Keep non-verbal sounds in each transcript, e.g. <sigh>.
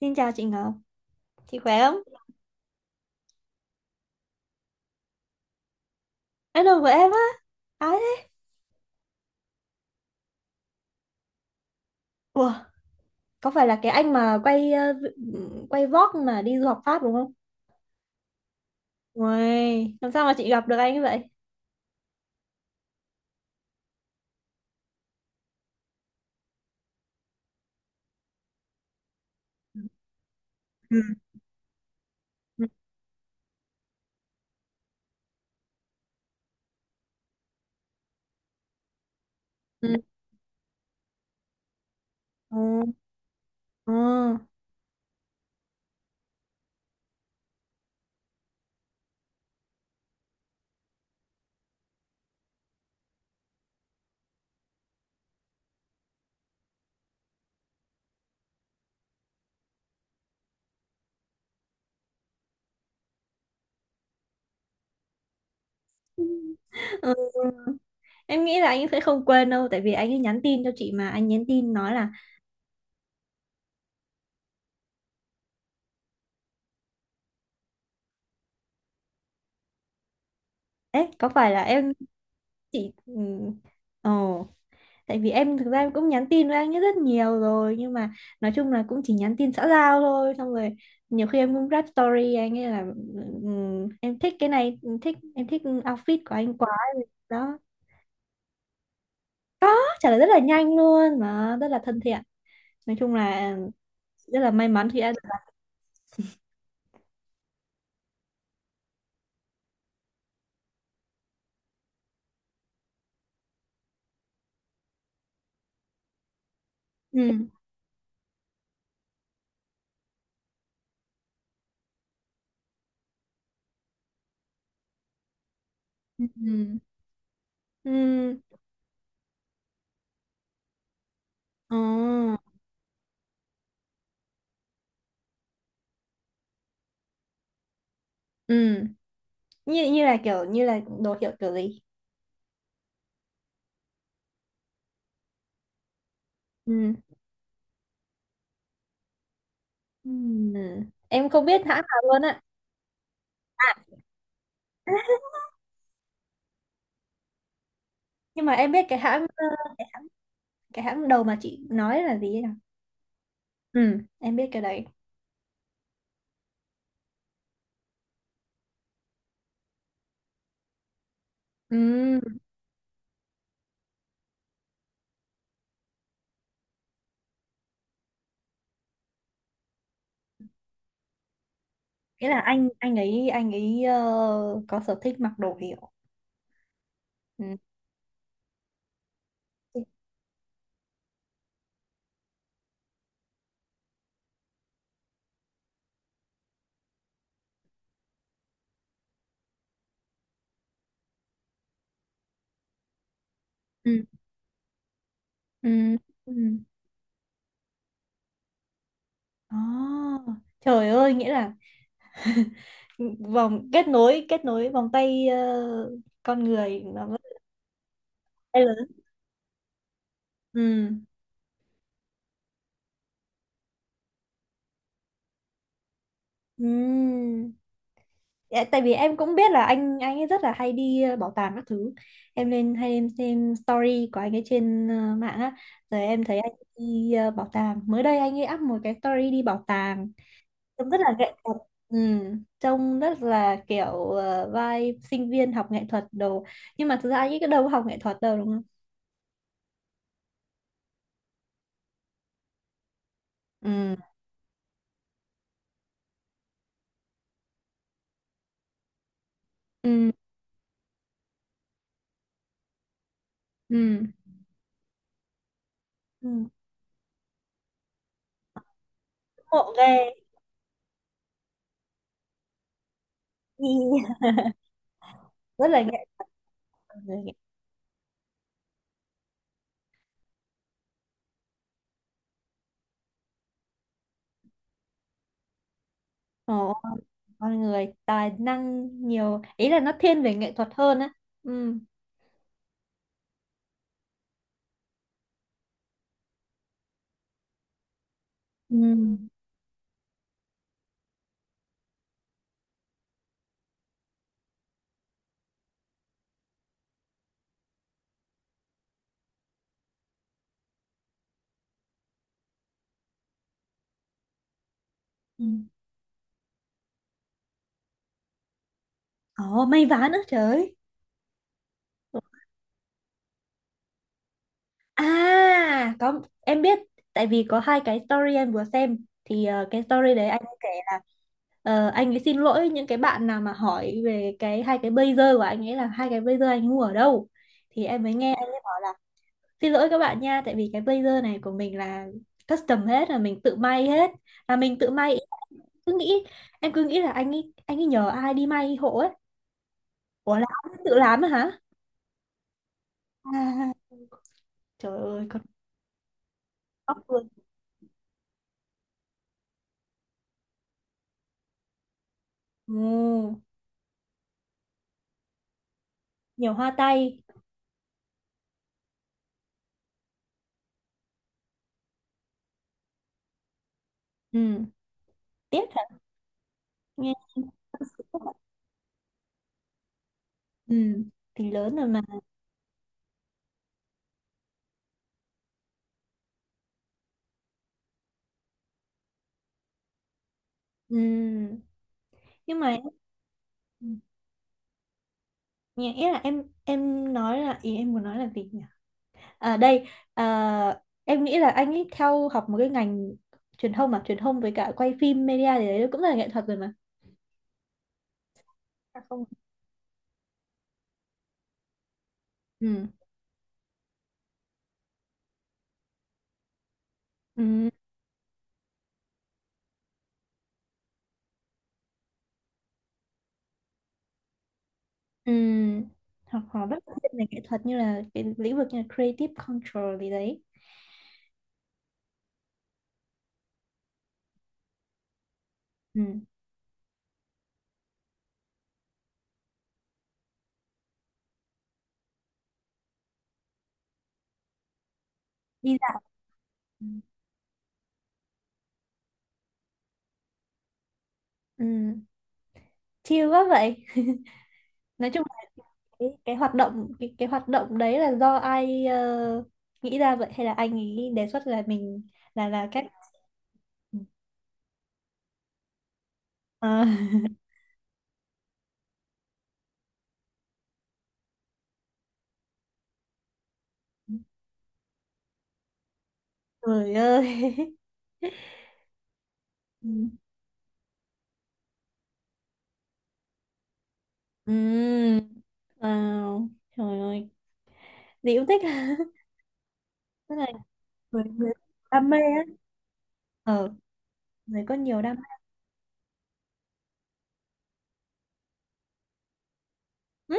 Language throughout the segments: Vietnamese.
Xin chào chị Ngọc, chị khỏe không? Anh đồng của em á, ai thế? Ủa, có phải là cái anh mà quay quay vlog mà đi du học Pháp đúng không? Ui, làm sao mà chị gặp được anh như vậy? Ừ. Ừ. Ừ. Ừ. Ừ. Em nghĩ là anh ấy sẽ không quên đâu, tại vì anh ấy nhắn tin cho chị mà anh nhắn tin nói là, ấy có phải là em chị? Ừ. Ồ. Tại vì em thực ra em cũng nhắn tin với anh ấy rất nhiều rồi, nhưng mà nói chung là cũng chỉ nhắn tin xã giao thôi. Xong rồi nhiều khi em cũng rap story anh ấy là em thích cái này, em thích, em thích outfit của anh quá." Đó. Nó trả lời rất là nhanh luôn, mà rất là thân thiện. Nói chung là rất là may mắn khi đã được. Ừ. Ừ. Ừ. Ừ. Ừ. Như như là kiểu như là đồ hiệu kiểu gì? Ừ. Ừ. Em không biết hãng nào luôn á. À, nhưng mà em biết cái hãng, cái hãng đầu mà chị nói là gì ấy nhỉ? Ừ, em biết cái đấy. Ừ. Nghĩa là anh ấy có sở thích mặc đồ hiệu. Ừ. Ừ. Ừ. Ừ. À, trời ơi, nghĩa là <laughs> vòng kết nối, kết nối vòng tay, con người nó rất là lớn. Ừ. Ừ. Dạ, tại vì em cũng biết là anh ấy rất là hay đi bảo tàng các thứ. Em lên hay em xem story của anh ấy trên mạng á. Rồi em thấy anh đi bảo tàng, mới đây anh ấy up một cái story đi bảo tàng, trông rất là nghệ thuật. Ừ, trông rất là kiểu vibe sinh viên học nghệ thuật đồ, nhưng mà thực ra anh ấy cái đâu có học nghệ thuật đâu, đúng không? Ừ. Ừ. Ừ. Ừ. Ngộ ghê. <laughs> Rất là nghệ thuật. Ồ, con người tài năng nhiều, ý là nó thiên về nghệ thuật hơn á. Ừ. Ừ. Ừ. Ồ, may vá nữa, trời ơi. À có, em biết. Tại vì có hai cái story em vừa xem thì cái story đấy anh ấy kể là, anh ấy xin lỗi những cái bạn nào mà hỏi về cái hai cái blazer của anh ấy là hai cái blazer anh ấy mua ở đâu, thì em mới nghe anh ấy bảo là xin lỗi các bạn nha, tại vì cái blazer này của mình là custom hết, là mình tự may hết, là mình tự may. Cứ nghĩ, em cứ nghĩ là anh ấy nhờ ai đi may hộ ấy. Ủa là ông ấy tự làm á hả? À, trời ơi, con ốc luôn. Ừ, nhiều hoa tay. Ừ, tiếc thật. Nghe tâm sự quá. Ừ, thì lớn rồi mà. Ừ, nhưng mà. Ừ. Nhẹ ý là em nói là ý em muốn nói là gì nhỉ? À đây, à, em nghĩ là anh ấy theo học một cái ngành truyền thông, mà truyền thông với cả quay phim media thì đấy cũng là nghệ thuật rồi mà. À, không. Ừ. Ừ. Ừm, hoặc họ rất là thiên về nghệ thuật, như là cái lĩnh vực như là creative control gì đấy. Ừm, đi dạo. Ừm. Ừm, chill quá vậy. Nói chung là cái hoạt động đấy là do ai nghĩ ra vậy, hay là anh ấy đề xuất là mình là cách? À, <laughs> trời ơi. Ừm. Ừm, wow, trời ơi, Diễu thích. <laughs> Tức là người, người <laughs> đam mê á. Ờ, người có nhiều đam mê.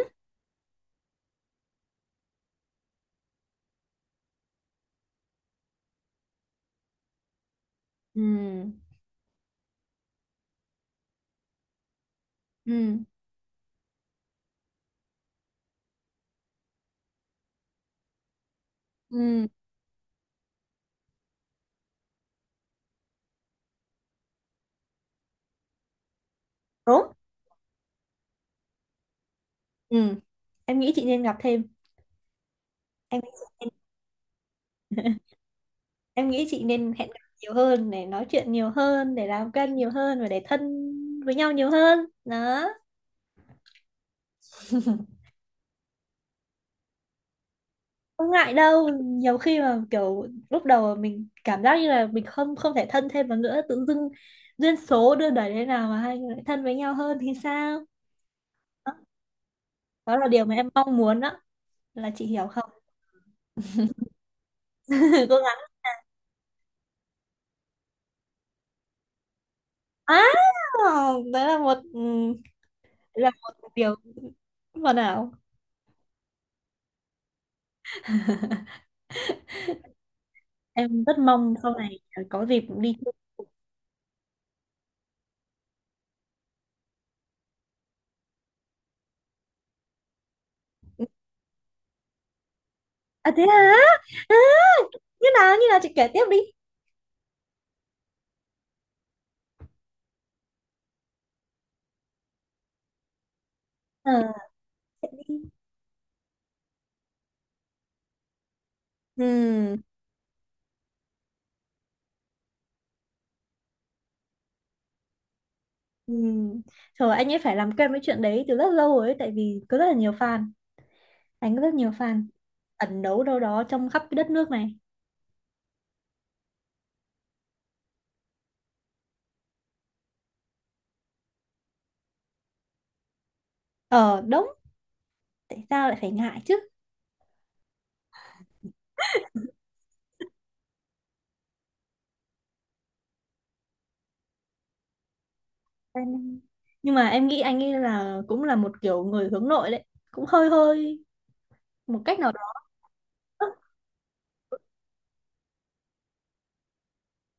Ừ. Ừ. Ừ. Đúng. Ừ, em nghĩ chị nên gặp thêm. Em nghĩ chị nên, em nghĩ chị nên hẹn gặp nhiều hơn để nói chuyện nhiều hơn, để làm quen nhiều hơn và để thân với nhau nhiều hơn. Đó. <laughs> Không ngại đâu, nhiều khi mà kiểu lúc đầu mà mình cảm giác như là mình không không thể thân thêm vào nữa, tự dưng duyên số đưa đẩy thế nào mà hai người lại thân với nhau hơn thì sao? Đó, đó là điều mà em mong muốn đó, là chị hiểu không? <laughs> Cố gắng. À, đấy là một, ừ, đấy là một điều hoàn hảo. Em rất mong sau này có dịp đi chơi. À thế hả? À, như nào, như nào chị kể tiếp đi. Ờ. Ừ. Ừ. Trời, anh ấy phải làm quen với chuyện đấy từ rất lâu rồi ấy, tại vì có rất là nhiều fan. Anh có rất nhiều fan ẩn đấu đâu đó trong khắp cái đất nước này. Ờ đúng, tại sao lại phải ngại chứ? Anh- nhưng mà em nghĩ anh ấy là cũng là một kiểu người hướng nội đấy, cũng hơi hơi một cách nào đó.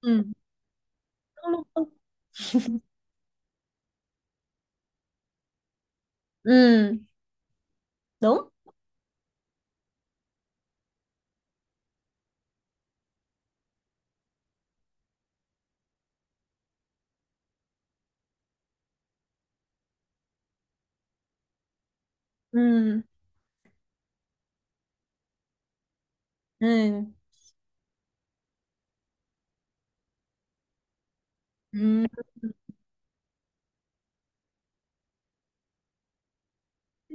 Ừ, lung tung. Ừ. Ừ, đúng. Ừ. Ừ. Ừ.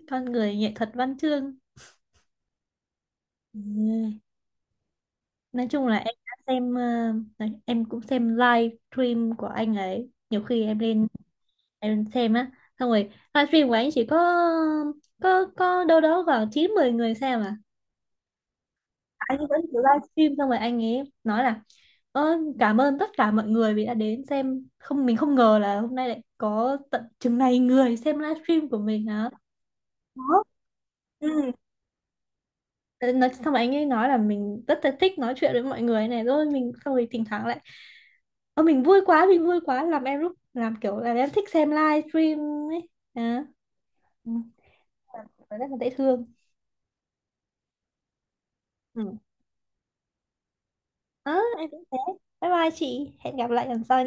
Con người nghệ thuật văn chương. Ừ. Nói chung là em đã xem đấy, em cũng xem live stream của anh ấy, nhiều khi em lên em xem á. Xong rồi live stream của anh chỉ có có đâu đó khoảng 9 10 người xem à, anh ấy vẫn cứ live stream, xong rồi anh ấy nói là "Ơ, cảm ơn tất cả mọi người vì đã đến xem, không mình không ngờ là hôm nay lại có tận chừng này người xem live stream của mình hả." Đó. Ừ. Ờ, nói xong rồi anh ấy nói là mình rất là thích nói chuyện với mọi người này, rồi mình xong rồi thỉnh thoảng lại "Ơ mình vui quá, mình vui quá", làm em lúc làm kiểu là em thích xem live stream ấy à. Ừ. Rất là dễ thương. Ừ. Ờ, em cũng thế, bye bye chị, hẹn gặp lại lần sau.